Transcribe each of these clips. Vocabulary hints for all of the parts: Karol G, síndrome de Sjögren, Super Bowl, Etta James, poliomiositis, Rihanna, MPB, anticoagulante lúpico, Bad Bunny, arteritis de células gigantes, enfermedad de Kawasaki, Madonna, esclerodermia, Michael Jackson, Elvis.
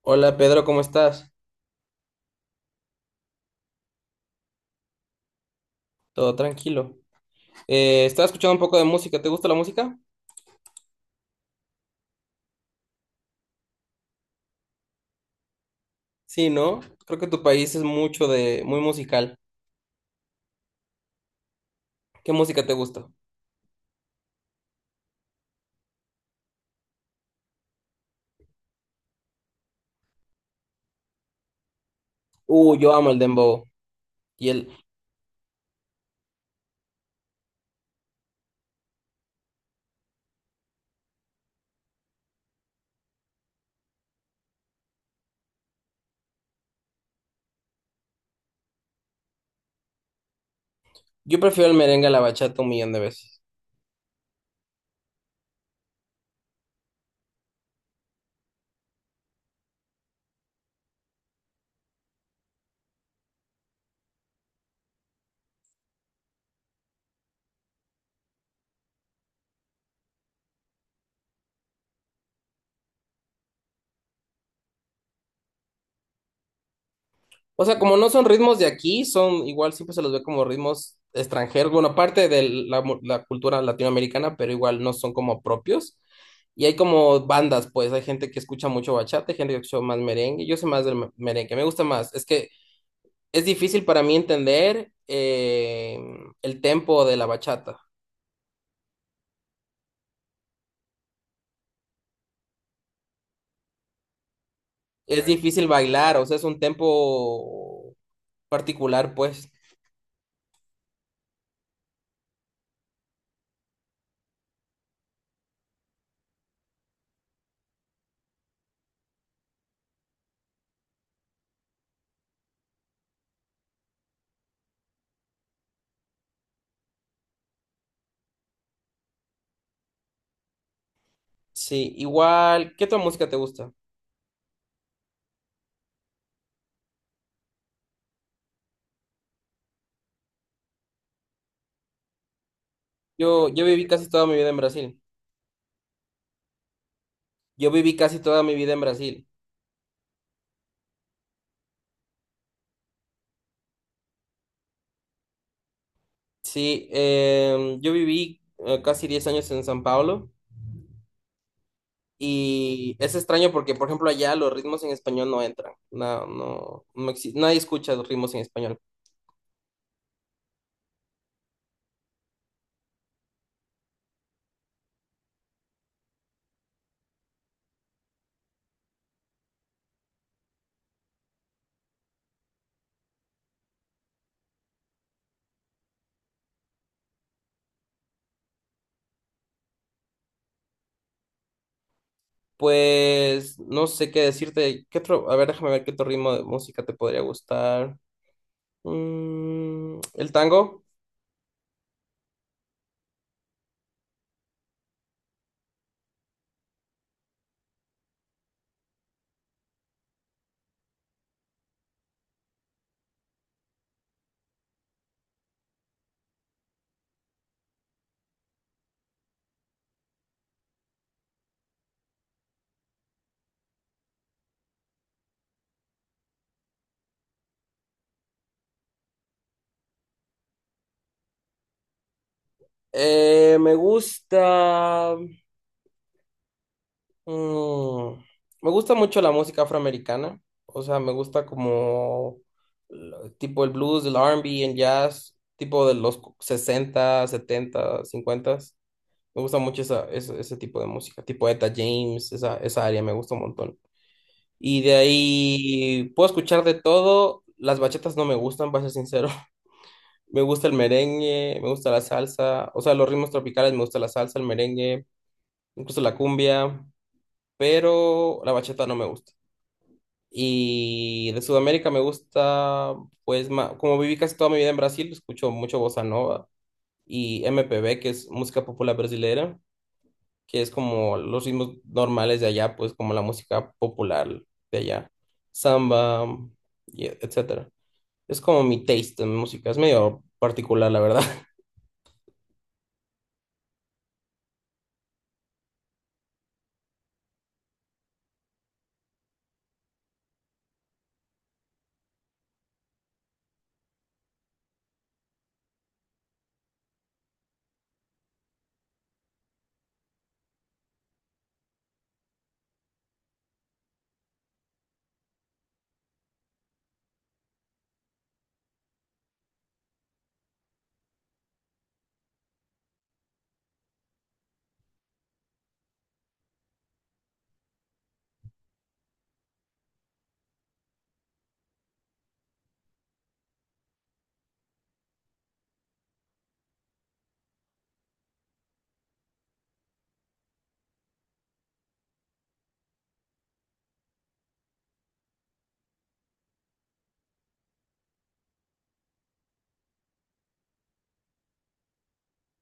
Hola Pedro, ¿cómo estás? Todo tranquilo. Estaba escuchando un poco de música. ¿Te gusta la música? Sí, ¿no? Creo que tu país es muy musical. ¿Qué música te gusta? Yo amo el dembow. Y el, yo prefiero el merengue a la bachata un millón de veces. O sea, como no son ritmos de aquí, son igual siempre se los ve como ritmos extranjeros. Bueno, aparte de la cultura latinoamericana, pero igual no son como propios. Y hay como bandas, pues hay gente que escucha mucho bachata, hay gente que escucha más merengue. Yo soy más merengue, me gusta más. Es que es difícil para mí entender el tempo de la bachata. Es ya difícil bailar, o sea, es un tempo particular, pues. Sí, igual, ¿qué otra música te gusta? Yo viví casi toda mi vida en Brasil. Yo viví casi toda mi vida en Brasil. Sí, yo viví casi 10 años en San Pablo y es extraño porque, por ejemplo, allá los ritmos en español no entran. Nadie escucha los ritmos en español. Pues no sé qué decirte. ¿Qué otro? A ver, déjame ver qué otro ritmo de música te podría gustar. Mm, ¿el tango? Me gusta. mm, Me gusta mucho la música afroamericana. O sea, me gusta como tipo el blues, el R&B, el jazz, tipo de los 60, 70, 50. Me gusta mucho ese tipo de música, tipo Etta James, esa área me gusta un montón. Y de ahí puedo escuchar de todo. Las bachatas no me gustan, para ser sincero. Me gusta el merengue, me gusta la salsa, o sea, los ritmos tropicales, me gusta la salsa, el merengue, incluso la cumbia, pero la bachata no me gusta. Y de Sudamérica me gusta, pues, como viví casi toda mi vida en Brasil, escucho mucho bossa nova y MPB, que es música popular brasileña, que es como los ritmos normales de allá, pues como la música popular de allá, samba, etcétera. Es como mi taste en música, es medio particular, la verdad.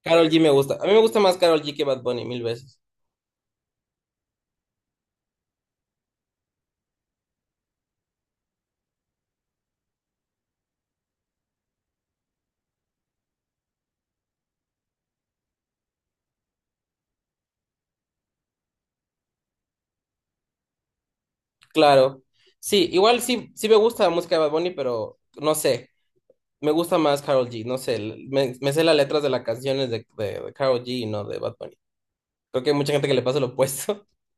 Karol G me gusta, a mí me gusta más Karol G que Bad Bunny mil veces, claro. Sí, igual sí, sí me gusta la música de Bad Bunny, pero no sé, me gusta más Karol G, no sé, me sé las letras de las canciones de Karol G y no de Bad Bunny. Creo que hay mucha gente que le pasa lo opuesto.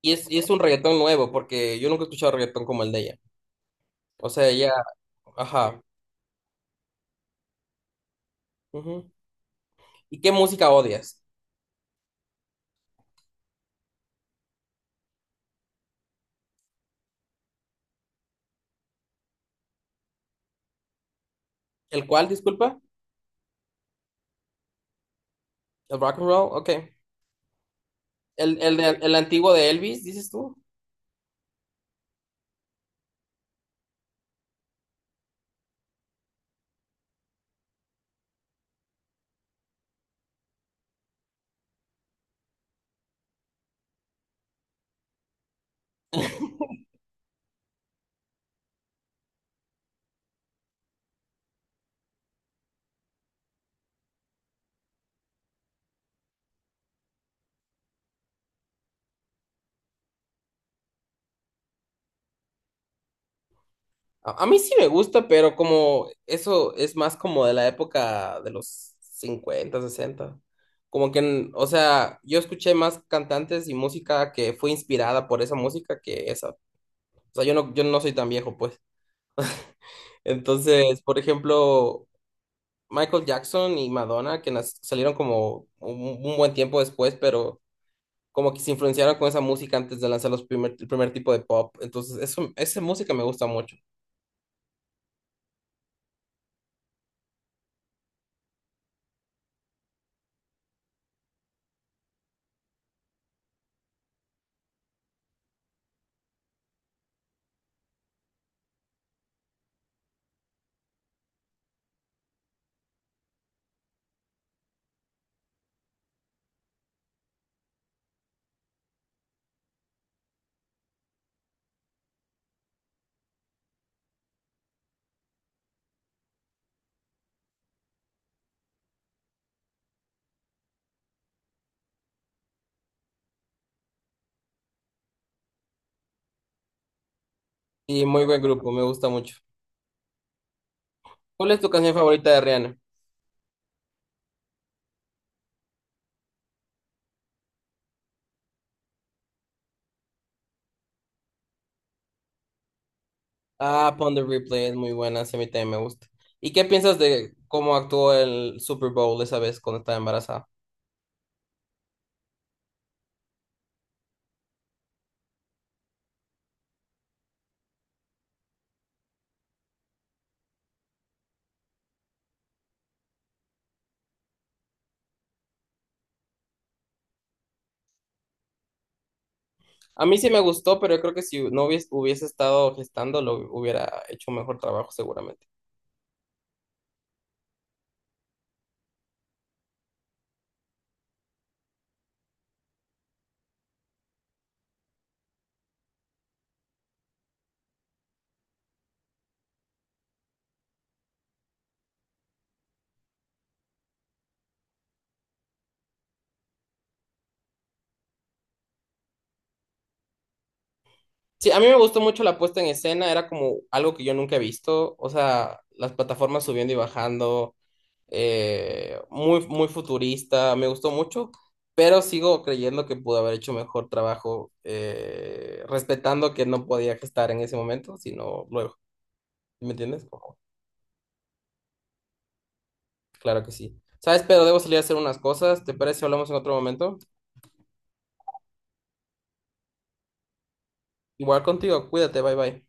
Y es un reggaetón nuevo, porque yo nunca he escuchado reggaetón como el de ella. O sea, ella... Ajá. Ujú. ¿Y qué música odias? ¿El cual, disculpa? ¿El rock and roll? Ok. El, el antiguo de Elvis, dices tú? A mí sí me gusta, pero como eso es más como de la época de los cincuenta, sesenta. Como que, o sea, yo escuché más cantantes y música que fue inspirada por esa música que esa. O sea, yo no soy tan viejo, pues. Entonces, por ejemplo, Michael Jackson y Madonna, que salieron como un buen tiempo después, pero como que se influenciaron con esa música antes de lanzar el primer tipo de pop. Entonces, esa música me gusta mucho. Y muy buen grupo, me gusta mucho. ¿Cuál es tu canción favorita de Rihanna? Ah, Pon the Replay es muy buena, sí, a mí también me gusta. ¿Y qué piensas de cómo actuó el Super Bowl esa vez cuando estaba embarazada? A mí sí me gustó, pero yo creo que si no hubiese estado gestando, lo hubiera hecho un mejor trabajo seguramente. Sí, a mí me gustó mucho la puesta en escena, era como algo que yo nunca he visto, o sea, las plataformas subiendo y bajando, muy futurista, me gustó mucho, pero sigo creyendo que pudo haber hecho mejor trabajo, respetando que no podía gestar en ese momento, sino luego, ¿me entiendes? Como, claro que sí. ¿Sabes? Pero debo salir a hacer unas cosas, ¿te parece si hablamos en otro momento? Igual contigo, cuídate, bye bye.